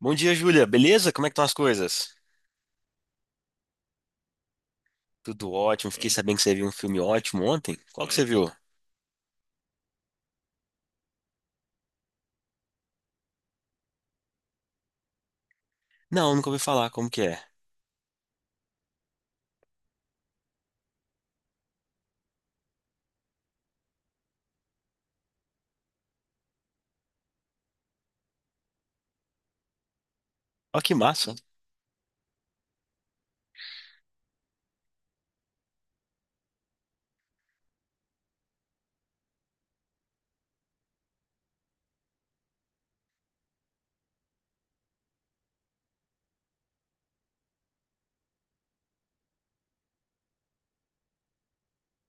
Bom dia, Júlia. Beleza? Como é que estão as coisas? Tudo ótimo. Fiquei sabendo que você viu um filme ótimo ontem. Qual que você viu? Não, nunca ouvi falar. Como que é? Ó, que massa.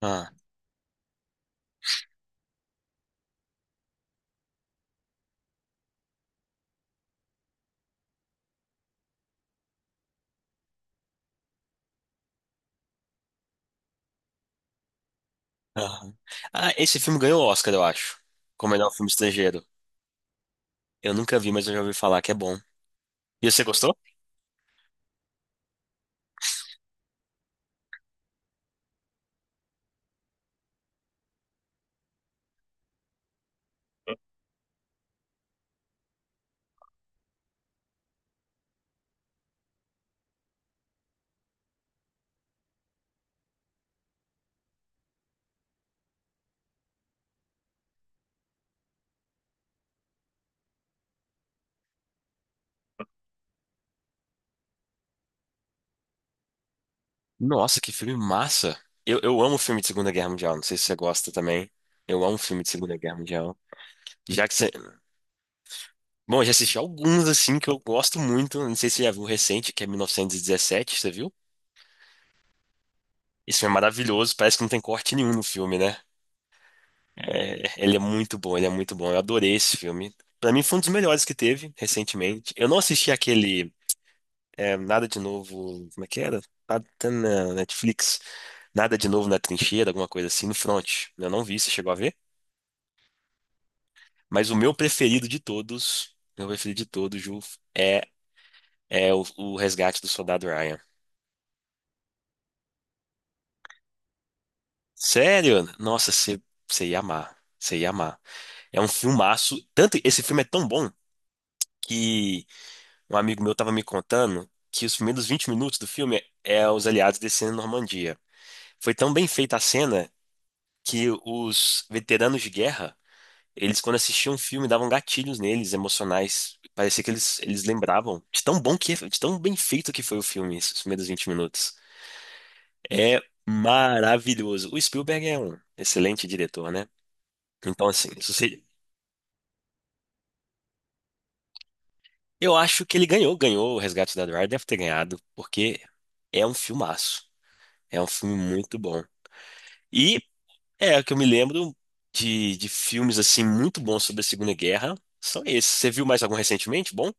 Ah, aham. Ah, esse filme ganhou o Oscar, eu acho. Como melhor filme estrangeiro. Eu nunca vi, mas eu já ouvi falar que é bom. E você gostou? Nossa, que filme massa. Eu amo filme de Segunda Guerra Mundial. Não sei se você gosta também. Eu amo filme de Segunda Guerra Mundial. Já que você... Bom, eu já assisti alguns, assim, que eu gosto muito. Não sei se você já viu o recente, que é 1917. Você viu? Esse filme é maravilhoso, parece que não tem corte nenhum no filme, né? É, ele é muito bom, ele é muito bom. Eu adorei esse filme. Pra mim foi um dos melhores que teve recentemente. Eu não assisti aquele Nada de Novo, como é que era? Ah, tá na Netflix. Nada de Novo na Trincheira, alguma coisa assim, no Front. Eu não vi, você chegou a ver? Mas o meu preferido de todos, meu preferido de todos, Ju, é, é o Resgate do Soldado Ryan. Sério? Nossa, você ia amar. Você ia amar. É um filmaço. Tanto esse filme é tão bom que um amigo meu estava me contando que os primeiros 20 minutos do filme é os aliados descendo na Normandia. Foi tão bem feita a cena que os veteranos de guerra, eles quando assistiam o filme davam gatilhos neles, emocionais. Parecia que eles lembravam de tão bom que, de tão bem feito que foi o filme, esses primeiros 20 minutos. É maravilhoso. O Spielberg é um excelente diretor, né? Então, assim, se você- eu acho que ele ganhou o Resgate do Soldado Ryan, deve ter ganhado, porque é um filmaço. É um filme muito bom. E é o que eu me lembro de filmes assim muito bons sobre a Segunda Guerra. São esses. Você viu mais algum recentemente? Bom?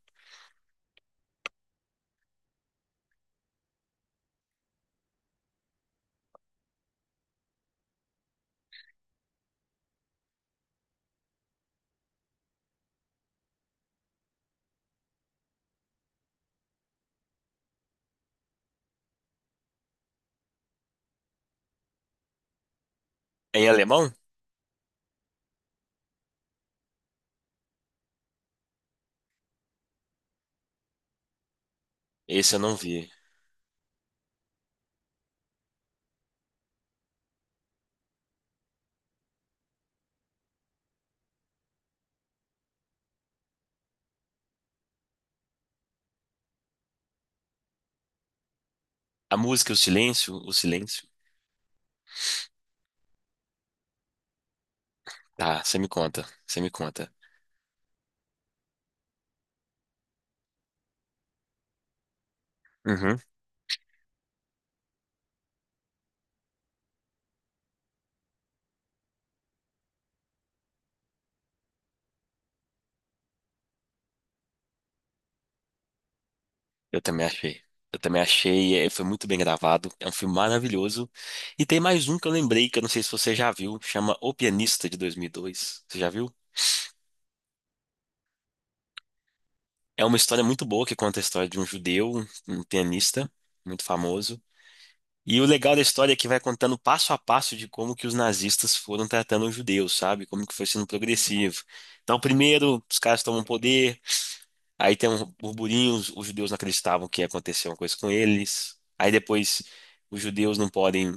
É em alemão? Esse eu não vi. A música, o silêncio, o silêncio. Tá, você me conta, você me conta. Uhum. Eu também achei. Eu também achei, foi muito bem gravado. É um filme maravilhoso. E tem mais um que eu lembrei, que eu não sei se você já viu, chama O Pianista de 2002. Você já viu? É uma história muito boa que conta a história de um judeu, um pianista muito famoso. E o legal da história é que vai contando passo a passo de como que os nazistas foram tratando os judeus, sabe? Como que foi sendo progressivo. Então, primeiro, os caras tomam poder, aí tem um burburinho, os judeus não acreditavam que ia acontecer uma coisa com eles. Aí depois, os judeus não podem,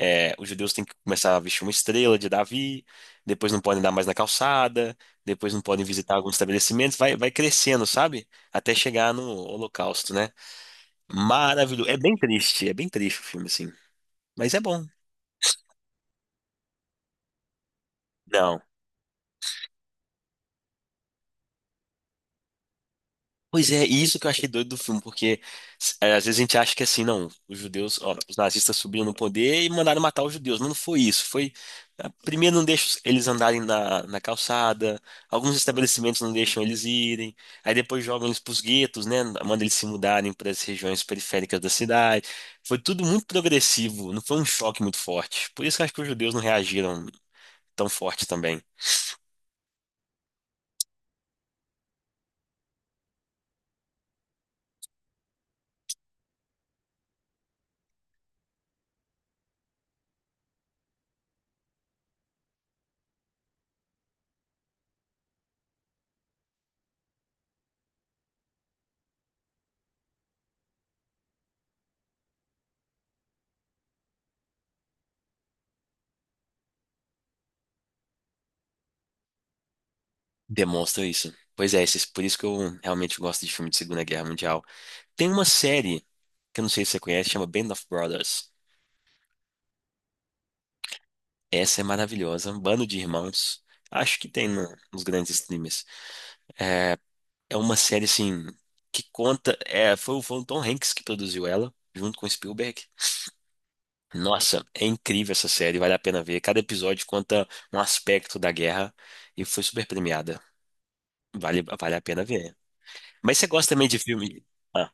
os judeus têm que começar a vestir uma estrela de Davi, depois não podem andar mais na calçada, depois não podem visitar alguns estabelecimentos, vai crescendo, sabe? Até chegar no Holocausto, né? Maravilhoso. É bem triste o filme, assim. Mas é bom. Não. Pois é, e isso que eu achei doido do filme, porque às vezes a gente acha que assim, não, os judeus, ó, os nazistas subiram no poder e mandaram matar os judeus, mas não foi isso, foi, ah, primeiro não deixam eles andarem na calçada, alguns estabelecimentos não deixam eles irem, aí depois jogam eles pros guetos, né, manda eles se mudarem para as regiões periféricas da cidade, foi tudo muito progressivo, não foi um choque muito forte, por isso que eu acho que os judeus não reagiram tão forte também, demonstra isso. Pois é, por isso que eu realmente gosto de filme de Segunda Guerra Mundial. Tem uma série que eu não sei se você conhece, chama Band of Brothers. Essa é maravilhosa, um bando de irmãos. Acho que tem nos grandes streamers. É uma série assim que conta. É, foi o Tom Hanks que produziu ela, junto com o Spielberg. Nossa, é incrível essa série, vale a pena ver. Cada episódio conta um aspecto da guerra e foi super premiada. Vale a pena ver. Mas você gosta também de filme? Ah,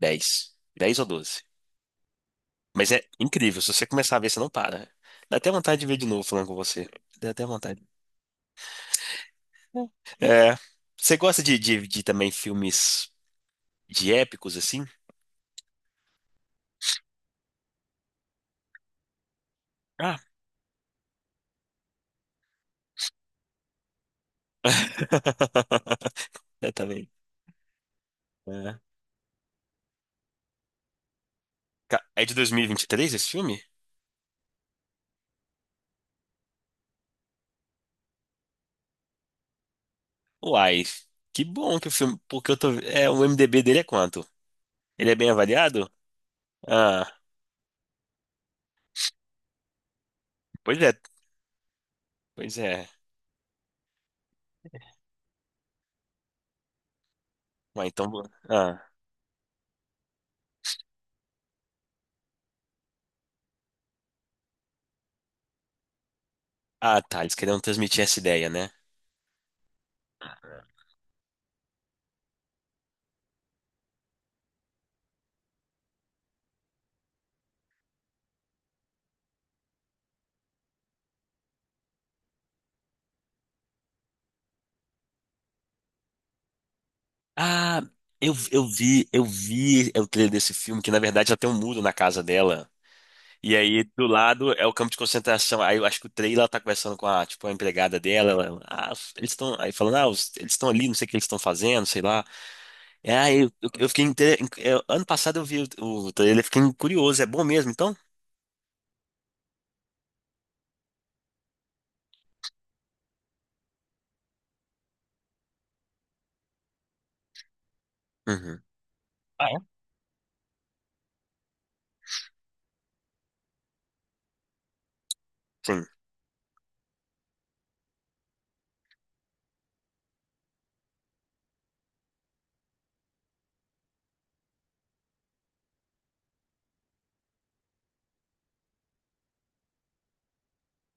10 10 ou 12? Mas é incrível, se você começar a ver, você não para, né? Dá até vontade de ver de novo falando com você. Dá até vontade. É, você gosta de também filmes de épicos, assim? Ah. Eu também. É. É de 2023 esse filme? Uai, que bom que o filme. Porque eu tô. É, o MDB dele é quanto? Ele é bem avaliado? Ah, pois é, pois é. Uai, então. Ah, tá, eles queriam transmitir essa ideia, né? Ah, eu vi o trailer desse filme, que na verdade já tem um muro na casa dela. E aí do lado é o campo de concentração. Aí eu acho que o trailer ela tá conversando com a, tipo, a empregada dela. Ela, ah, eles estão aí falando, ah, eles estão ali, não sei o que eles estão fazendo, sei lá. É, aí eu fiquei ano passado eu vi o trailer, fiquei curioso, é bom mesmo, então? Uhum. Ah, é? Sim.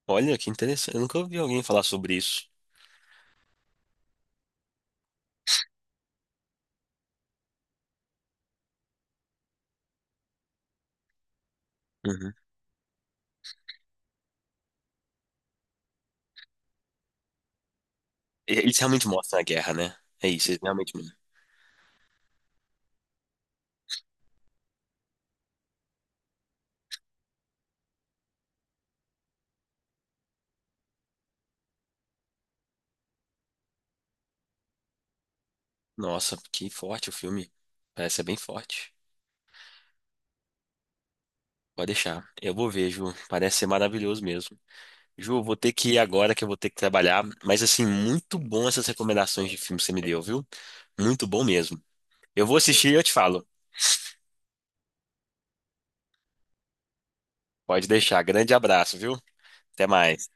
Olha que interessante, eu nunca ouvi alguém falar sobre isso. Uhum. Eles realmente mostram a guerra, né? É isso, eles realmente. Nossa, que forte o filme. Parece ser bem forte. Pode deixar. Eu vou ver, Ju. Parece ser maravilhoso mesmo. Ju, vou ter que ir agora que eu vou ter que trabalhar. Mas, assim, muito bom essas recomendações de filme que você me deu, viu? Muito bom mesmo. Eu vou assistir e eu te falo. Pode deixar. Grande abraço, viu? Até mais.